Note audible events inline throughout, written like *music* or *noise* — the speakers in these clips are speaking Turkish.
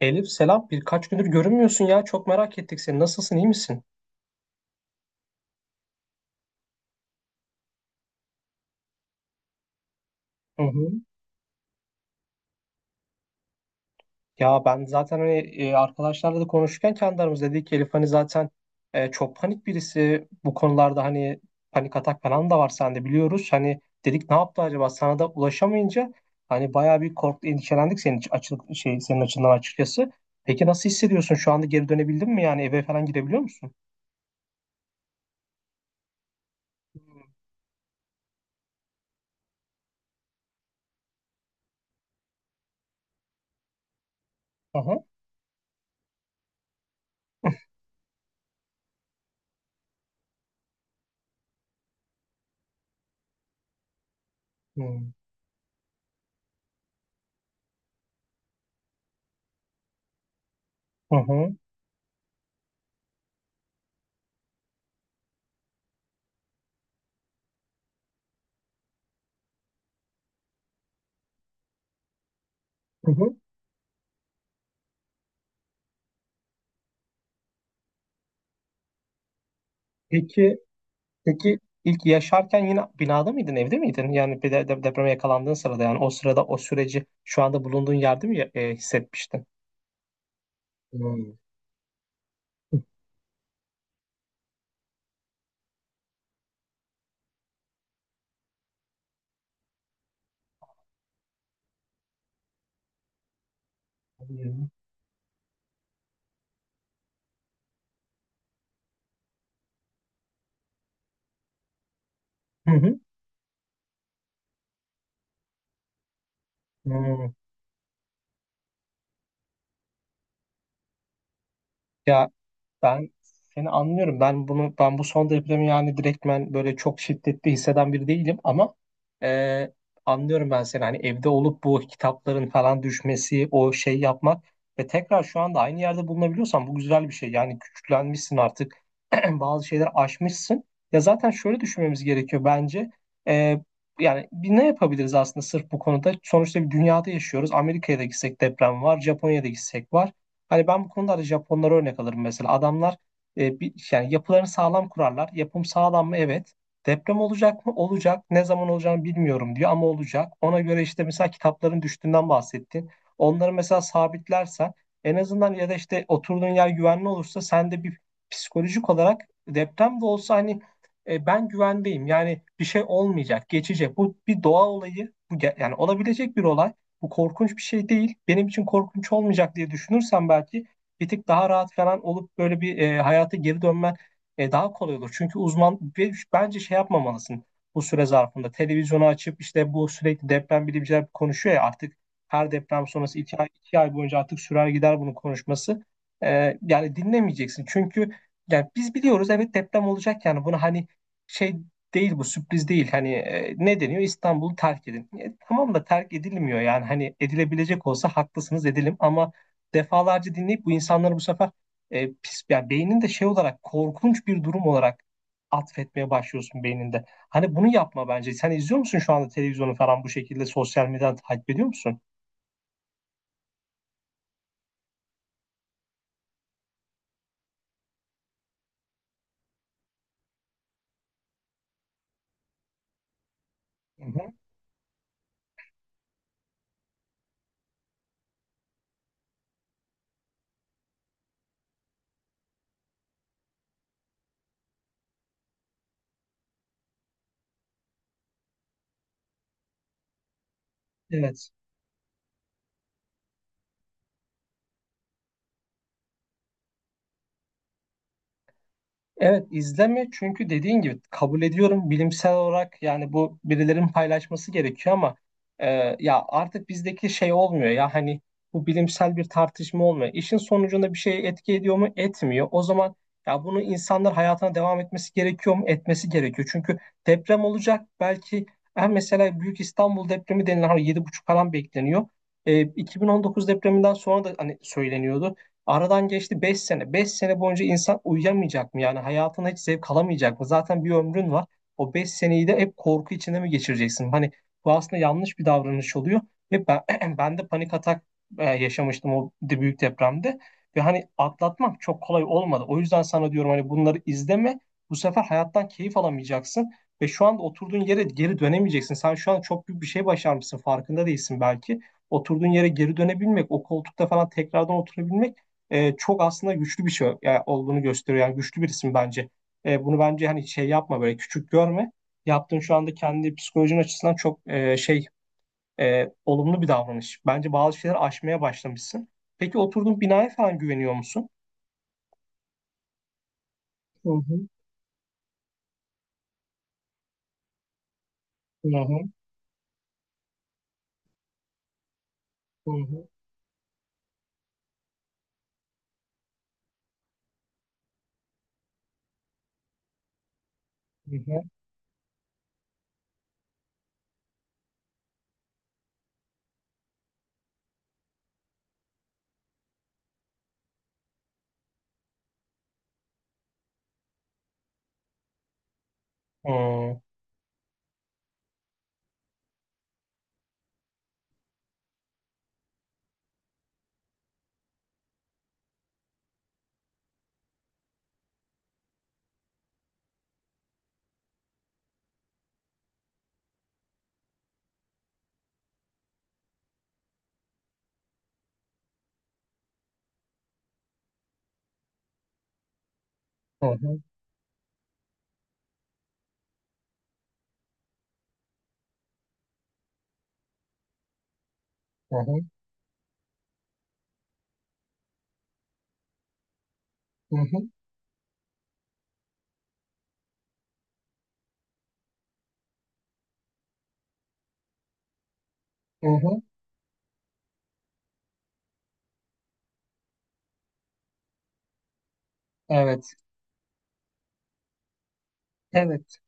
Elif selam, birkaç gündür görünmüyorsun ya, çok merak ettik seni. Nasılsın, iyi misin? Hı hı. Ya ben zaten arkadaşlarla da konuşurken kendi aramızda dedik ki Elif hani zaten çok panik birisi bu konularda, hani panik atak falan da var sende, biliyoruz. Hani dedik ne yaptı acaba, sana da ulaşamayınca hani bayağı bir korktu, endişelendik senin senin açından açıkçası. Peki nasıl hissediyorsun şu anda? Geri dönebildin mi, yani eve falan gidebiliyor musun? Hı hı. Hı hı. Hı hı. Peki Peki, ilk yaşarken yine binada mıydın, evde miydin? Yani bir depreme yakalandığın sırada, yani o sırada o süreci şu anda bulunduğun yerde mi hissetmiştin? Hmm. Hı hı. Hı. Ya, ben seni anlıyorum. Ben bu son depremi yani direktmen böyle çok şiddetli hisseden biri değilim ama e, anlıyorum ben seni. Hani evde olup bu kitapların falan düşmesi, o şey yapmak ve tekrar şu anda aynı yerde bulunabiliyorsan bu güzel bir şey. Yani güçlenmişsin artık. *clears throat* Bazı şeyler aşmışsın. Ya zaten şöyle düşünmemiz gerekiyor bence. E, Yani bir ne yapabiliriz aslında sırf bu konuda? Sonuçta bir dünyada yaşıyoruz. Amerika'ya da gitsek deprem var, Japonya'da gitsek var. Hani ben bu konuda da Japonlara örnek alırım mesela. Adamlar yani yapılarını sağlam kurarlar. Yapım sağlam mı? Evet. Deprem olacak mı? Olacak. Ne zaman olacağını bilmiyorum diyor ama olacak. Ona göre işte, mesela kitapların düştüğünden bahsettin. Onları mesela sabitlersen en azından, ya da işte oturduğun yer güvenli olursa, sen de bir psikolojik olarak deprem de olsa ben güvendeyim, yani bir şey olmayacak, geçecek. Bu bir doğa olayı. Yani olabilecek bir olay, bu korkunç bir şey değil. Benim için korkunç olmayacak diye düşünürsen, belki bir tık daha rahat falan olup böyle bir, hayata geri dönmen daha kolay olur. Çünkü uzman, ve bence şey yapmamalısın bu süre zarfında. Televizyonu açıp işte, bu sürekli deprem bilimciler konuşuyor ya artık, her deprem sonrası iki ay, iki ay boyunca artık sürer gider bunun konuşması. Yani dinlemeyeceksin. Çünkü yani biz biliyoruz, evet deprem olacak, yani bunu hani şey değil, bu sürpriz değil. Hani, ne deniyor? İstanbul'u terk edin. E, tamam da terk edilmiyor yani. Hani edilebilecek olsa haklısınız edelim, ama defalarca dinleyip bu insanları bu sefer pis yani beynin de şey olarak, korkunç bir durum olarak atfetmeye başlıyorsun beyninde. Hani bunu yapma bence. Sen izliyor musun şu anda televizyonu falan, bu şekilde sosyal medyadan takip ediyor musun? Hı hı. Evet. Evet, izleme, çünkü dediğin gibi kabul ediyorum, bilimsel olarak yani bu birilerin paylaşması gerekiyor, ama ya artık bizdeki şey olmuyor ya, hani bu bilimsel bir tartışma olmuyor. İşin sonucunda bir şey etki ediyor mu? Etmiyor. O zaman ya bunu, insanlar hayatına devam etmesi gerekiyor mu? Etmesi gerekiyor. Çünkü deprem olacak, belki ha mesela Büyük İstanbul depremi denilen, hani 7,5 falan bekleniyor. 2019 depreminden sonra da hani söyleniyordu. Aradan geçti 5 sene. 5 sene boyunca insan uyuyamayacak mı? Yani hayatına hiç zevk alamayacak mı? Zaten bir ömrün var. O 5 seneyi de hep korku içinde mi geçireceksin? Hani bu aslında yanlış bir davranış oluyor. *clears throat* Ben de panik atak yaşamıştım o büyük depremde. Ve hani atlatmak çok kolay olmadı. O yüzden sana diyorum, hani bunları izleme. Bu sefer hayattan keyif alamayacaksın. Ve şu anda oturduğun yere geri dönemeyeceksin. Sen şu an çok büyük bir şey başarmışsın, farkında değilsin belki. Oturduğun yere geri dönebilmek, o koltukta falan tekrardan oturabilmek çok aslında güçlü bir şey yani olduğunu gösteriyor. Yani güçlü bir isim bence. E, bunu bence hani şey yapma, böyle küçük görme. Yaptığın şu anda kendi psikolojin açısından çok olumlu bir davranış. Bence bazı şeyler aşmaya başlamışsın. Peki oturduğun binaya falan güveniyor musun? Hı hı, hı hı, hı hı, hı hı, hmm, hı hı, hı hı, hı hı, hı hı. Evet, evet.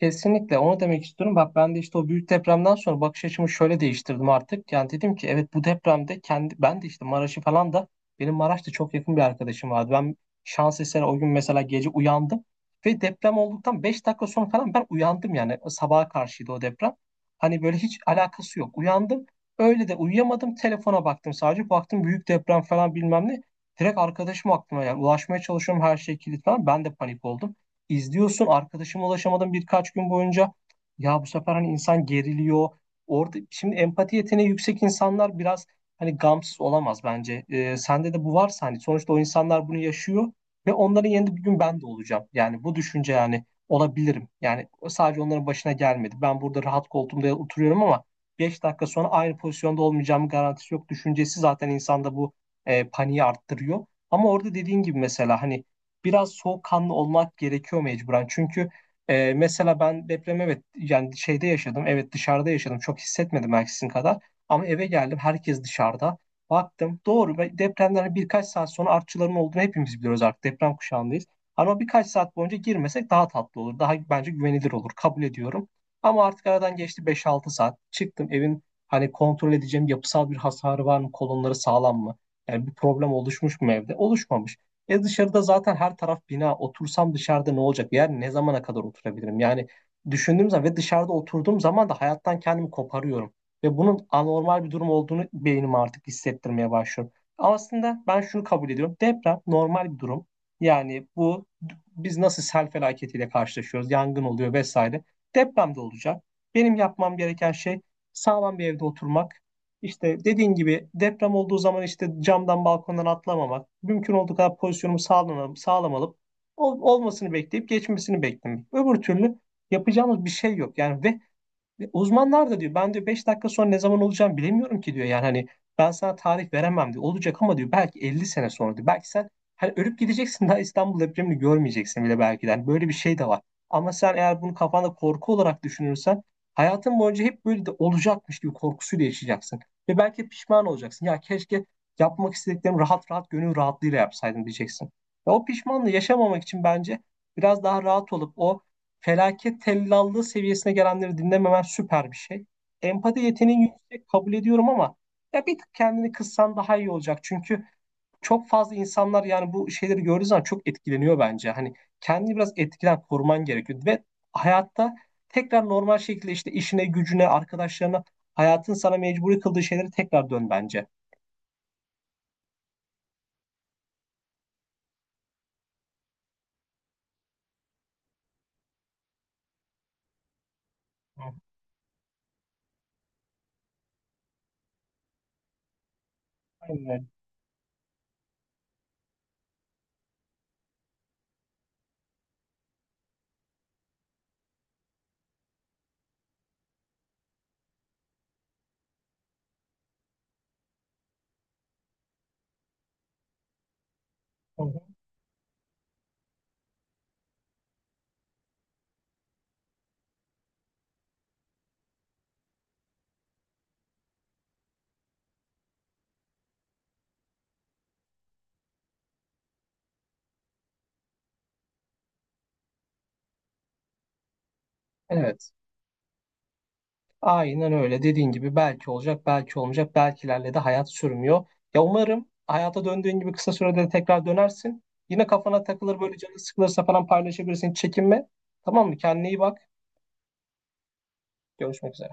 Kesinlikle onu demek istiyorum. Bak ben de işte o büyük depremden sonra bakış açımı şöyle değiştirdim artık. Yani dedim ki evet, bu depremde kendi ben de işte Maraş'ı falan da, benim Maraş'ta çok yakın bir arkadaşım vardı. Ben şans eseri o gün mesela gece uyandım ve deprem olduktan 5 dakika sonra falan ben uyandım, yani sabaha karşıydı o deprem. Hani böyle hiç alakası yok, uyandım. Öyle de uyuyamadım, telefona baktım sadece. Baktım büyük deprem falan bilmem ne. Direkt arkadaşım aklıma, yani ulaşmaya çalışıyorum, her şey kilit falan. Ben de panik oldum, izliyorsun, arkadaşıma ulaşamadım birkaç gün boyunca. Ya bu sefer hani insan geriliyor. Orada şimdi empati yeteneği yüksek insanlar biraz hani gamsız olamaz bence. Sende de bu varsa hani, sonuçta o insanlar bunu yaşıyor ve onların yerinde bir gün ben de olacağım. Yani bu düşünce, yani olabilirim. Yani sadece onların başına gelmedi. Ben burada rahat koltuğumda oturuyorum ama 5 dakika sonra aynı pozisyonda olmayacağım, garantisi yok. Düşüncesi zaten insanda bu, paniği arttırıyor. Ama orada dediğin gibi mesela hani, biraz soğukkanlı olmak gerekiyor mecburen. Çünkü mesela ben depremi evet yani şeyde yaşadım. Evet, dışarıda yaşadım. Çok hissetmedim belki sizin kadar. Ama eve geldim, herkes dışarıda. Baktım. Doğru. Ve depremden birkaç saat sonra artçıların olduğunu hepimiz biliyoruz artık. Deprem kuşağındayız. Ama birkaç saat boyunca girmesek daha tatlı olur. Daha bence güvenilir olur, kabul ediyorum. Ama artık aradan geçti 5 6 saat. Çıktım evin, hani kontrol edeceğim, yapısal bir hasarı var mı? Kolonları sağlam mı? Yani bir problem oluşmuş mu evde? Oluşmamış. E, dışarıda zaten her taraf bina. Otursam dışarıda ne olacak? Yani ne zamana kadar oturabilirim? Yani düşündüğüm zaman ve dışarıda oturduğum zaman da hayattan kendimi koparıyorum. Ve bunun anormal bir durum olduğunu beynim artık hissettirmeye başlıyor. Aslında ben şunu kabul ediyorum: deprem normal bir durum. Yani bu, biz nasıl sel felaketiyle karşılaşıyoruz, yangın oluyor vesaire, deprem de olacak. Benim yapmam gereken şey sağlam bir evde oturmak, işte dediğin gibi deprem olduğu zaman işte camdan balkondan atlamamak, mümkün olduğu kadar pozisyonumu sağlam, olmasını bekleyip geçmesini beklemek. Öbür türlü yapacağımız bir şey yok. Yani ve ve uzmanlar da diyor, ben diyor 5 dakika sonra ne zaman olacağım bilemiyorum ki diyor. Yani hani ben sana tarih veremem diyor. Olacak ama diyor, belki 50 sene sonra diyor. Belki sen hani ölüp gideceksin, daha İstanbul depremini görmeyeceksin bile belki de. Hani böyle bir şey de var. Ama sen eğer bunu kafanda korku olarak düşünürsen, hayatın boyunca hep böyle de olacakmış gibi korkusuyla yaşayacaksın. Ve belki pişman olacaksın. Ya keşke yapmak istediklerimi rahat rahat gönül rahatlığıyla yapsaydım diyeceksin. Ve o pişmanlığı yaşamamak için bence biraz daha rahat olup o felaket tellallığı seviyesine gelenleri dinlememen süper bir şey. Empati yeteneğin yüksek, kabul ediyorum, ama ya bir tık kendini kıssan daha iyi olacak. Çünkü çok fazla insanlar yani bu şeyleri gördüğü zaman çok etkileniyor bence. Hani kendini biraz etkiden koruman gerekiyor ve hayatta tekrar normal şekilde işte işine, gücüne, arkadaşlarına, hayatın sana mecburi kıldığı şeylere tekrar dön bence. Hı, aynen öyle. Hı hı. Evet. Aynen öyle. Dediğin gibi belki olacak, belki olmayacak. Belkilerle de hayat sürmüyor. Ya umarım hayata döndüğün gibi kısa sürede de tekrar dönersin. Yine kafana takılır böyle, canın sıkılırsa falan paylaşabilirsin, hiç çekinme. Tamam mı? Kendine iyi bak. Görüşmek üzere.